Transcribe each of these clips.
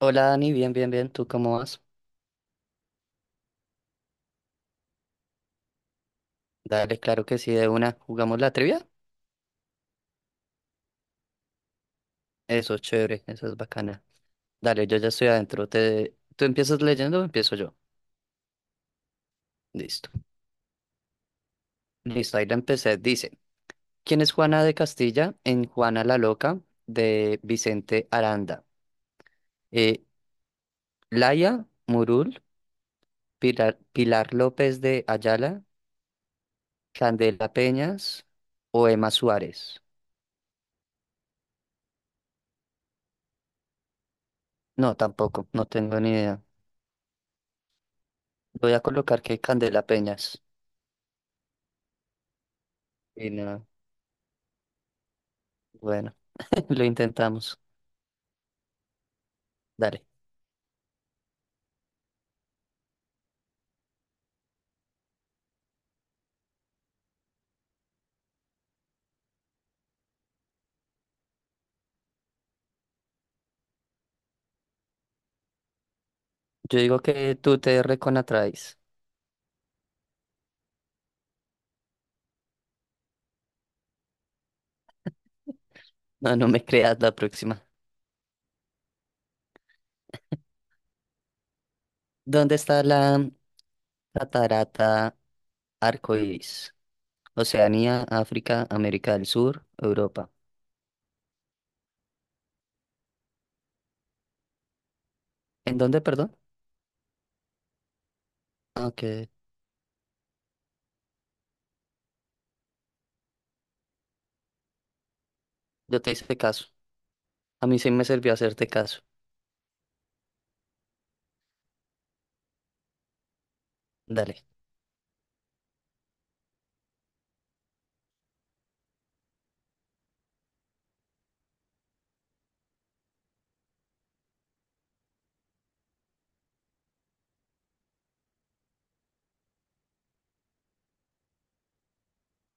Hola Dani, bien, bien, bien, ¿tú cómo vas? Dale, claro que sí, de una. ¿Jugamos la trivia? Eso es chévere, eso es bacana. Dale, yo ya estoy adentro. Te... ¿Tú empiezas leyendo o empiezo yo? Listo. Listo, ahí la empecé. Dice, ¿quién es Juana de Castilla en Juana la Loca de Vicente Aranda? Eh, Laia Murul, Pilar, Pilar López de Ayala, Candela Peñas o Emma Suárez. No, tampoco, no tengo ni idea. Voy a colocar que Candela Peñas. Y no, bueno. Lo intentamos. Dale. Yo digo que tú te reconatraes. No, no me creas la próxima. ¿Dónde está la catarata Arcoíris? Oceanía, África, América del Sur, Europa. ¿En dónde, perdón? Aunque yo te hice caso. A mí sí me sirvió hacerte caso. Dale.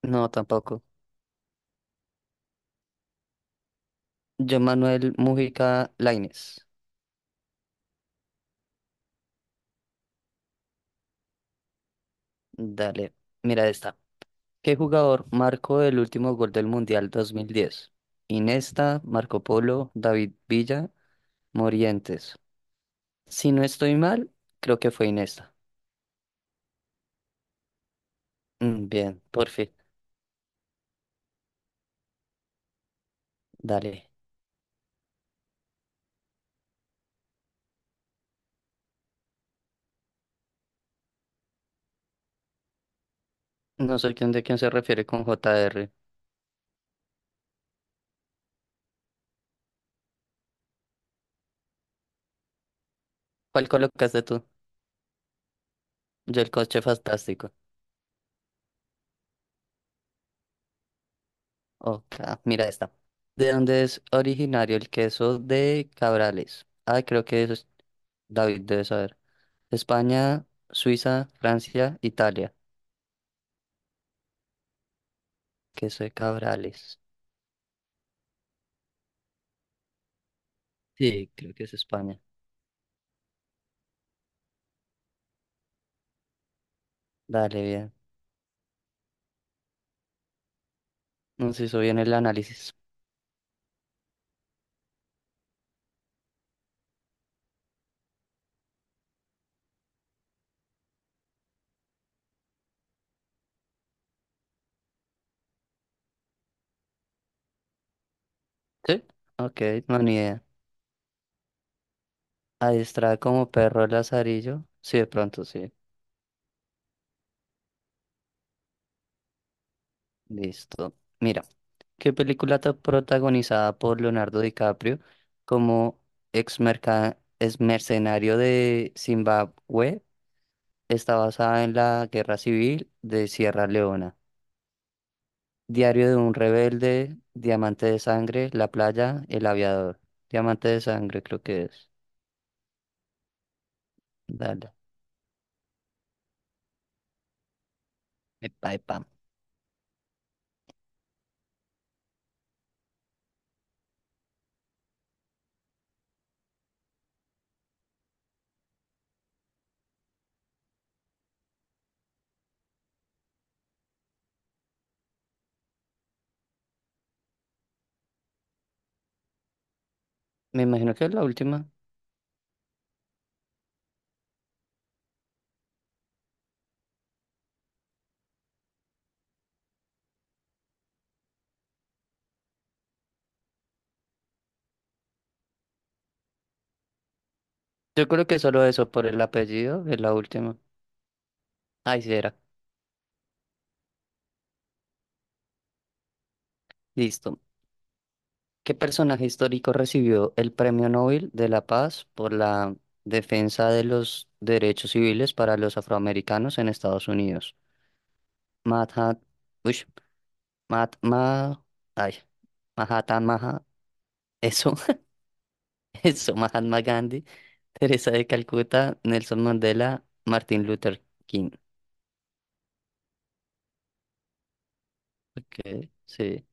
No, tampoco. Yo, Manuel Mujica Lainez. Dale. Mira esta. ¿Qué jugador marcó el último gol del Mundial 2010? Iniesta, Marco Polo, David Villa Morientes. Si no estoy mal, creo que fue Inesta. Bien, por fin. Dale. No soy quien de quién se refiere con JR. ¿Cuál colocaste tú? Yo el coche fantástico. Ok, ah, mira esta. ¿De dónde es originario el queso de Cabrales? Ah, creo que eso es David debe saber. España, Suiza, Francia, Italia. Queso de Cabrales. Sí, creo que es España. Dale, bien. Nos hizo bien el análisis. ¿Sí? Ok, no, ni idea. Adiestrada como perro lazarillo. Sí, de pronto, sí. Listo. Mira, ¿qué película está protagonizada por Leonardo DiCaprio como ex mercenario de Zimbabue está basada en la Guerra Civil de Sierra Leona? Diario de un rebelde, Diamante de sangre, La playa, El aviador. Diamante de sangre creo que es. Dale. Epa, epa. Me imagino que es la última. Yo creo que solo eso por el apellido es la última. Ay, sí era. Listo. ¿Qué personaje histórico recibió el Premio Nobel de la Paz por la defensa de los derechos civiles para los afroamericanos en Estados Unidos? Mahatma, ush, Mahatma, ay, Mahatma, Maha- eso, eso, Mahatma Gandhi, Teresa de Calcuta, Nelson Mandela, Martin Luther King. Ok, sí.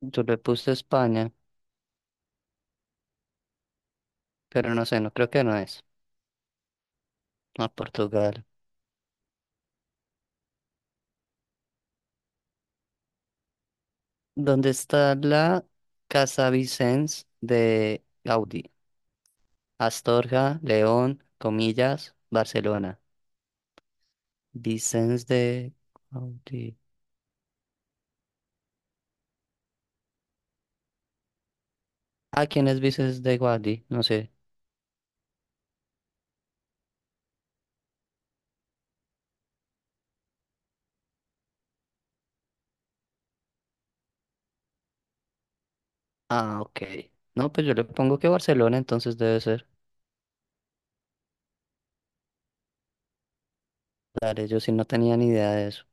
Yo le puse España, pero no sé, no creo que no es. A Portugal. ¿Dónde está la Casa Vicens de Gaudí? Astorga, León, comillas, Barcelona. Vicens de Gaudí. Ah, ¿quién es Vicens de Gaudí? No sé. Ah, ok. No, pues yo le pongo que Barcelona, entonces debe ser. Dale, yo sí no tenía ni idea de eso.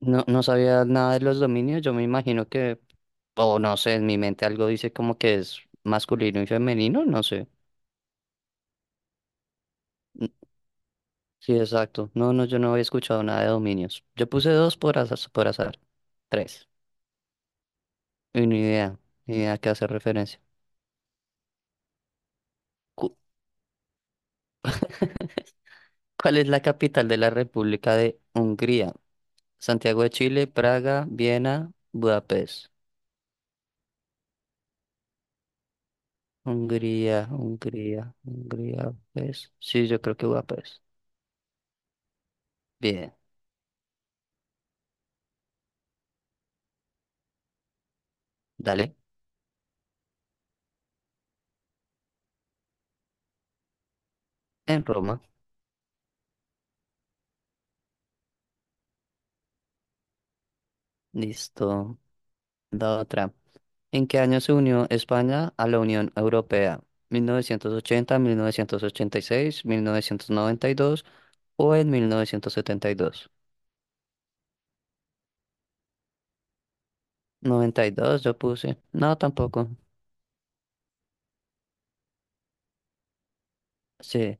No, no sabía nada de los dominios. Yo me imagino que, o no sé, en mi mente algo dice como que es masculino y femenino, no sé. Sí, exacto. No, no, yo no había escuchado nada de dominios. Yo puse dos por azar, por azar. Tres. Y ni idea, ni idea a qué hace referencia. Cu- ¿Cuál es la capital de la República de Hungría? Santiago de Chile, Praga, Viena, Budapest. Hungría, Budapest. Sí, yo creo que Budapest. Bien, dale. En Roma. Listo. La otra. ¿En qué año se unió España a la Unión Europea? ¿1980, 1986, 1992 o en 1972? 92 yo puse. No, tampoco. Sí,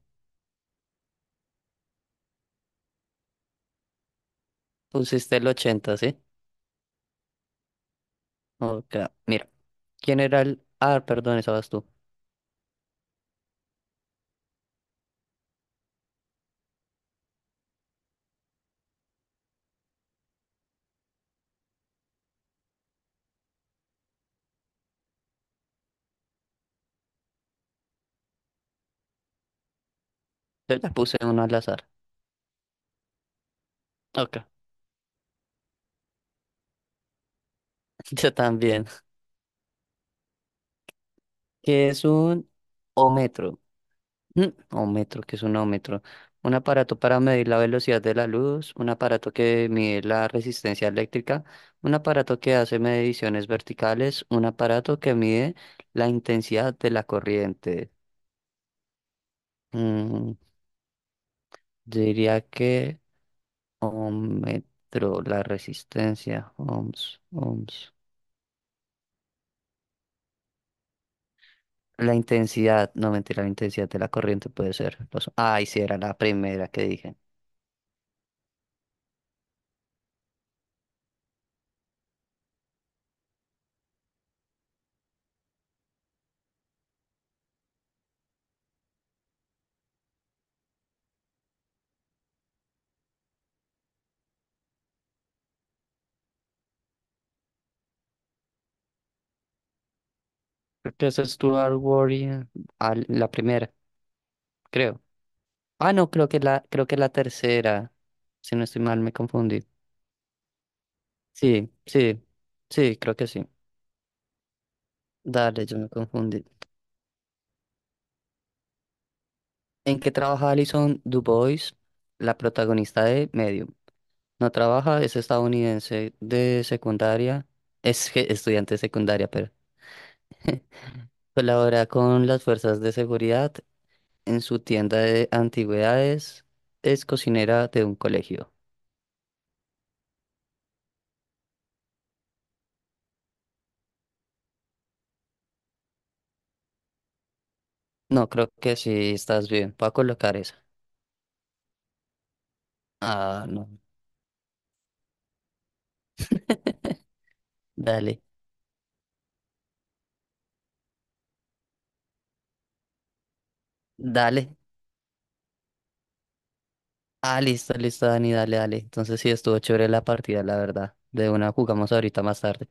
pusiste el 80, ¿sí? Ok, mira. ¿Quién era el...? Ah, perdón, esa vas tú. Yo ya puse uno al azar. Ok, yo también. ¿Qué es un ómetro? Ohmetro, ¿que es un ohmetro? Un aparato para medir la velocidad de la luz, un aparato que mide la resistencia eléctrica, un aparato que hace mediciones verticales, un aparato que mide la intensidad de la corriente. Mm, diría que ohmetro, la resistencia, ohms, ohms. La intensidad, no mentira, la intensidad de la corriente puede ser. Los, ay, sí, era la primera que dije. Creo que esa es Stuart Warrior, la primera, creo. Ah, no, creo que la tercera. Si no estoy mal, me confundí. Sí, sí, sí, creo que sí. Dale, yo me confundí. ¿En qué trabaja Alison DuBois, la protagonista de Medium? No trabaja, es estadounidense de secundaria, estudiante de secundaria, pero colabora con las fuerzas de seguridad en su tienda de antigüedades, es cocinera de un colegio. No, creo que sí, estás bien. Voy a colocar esa. Ah, no. Dale. Dale. Ah, listo, listo, Dani, dale, dale. Entonces sí, estuvo chévere la partida, la verdad. De una jugamos ahorita más tarde.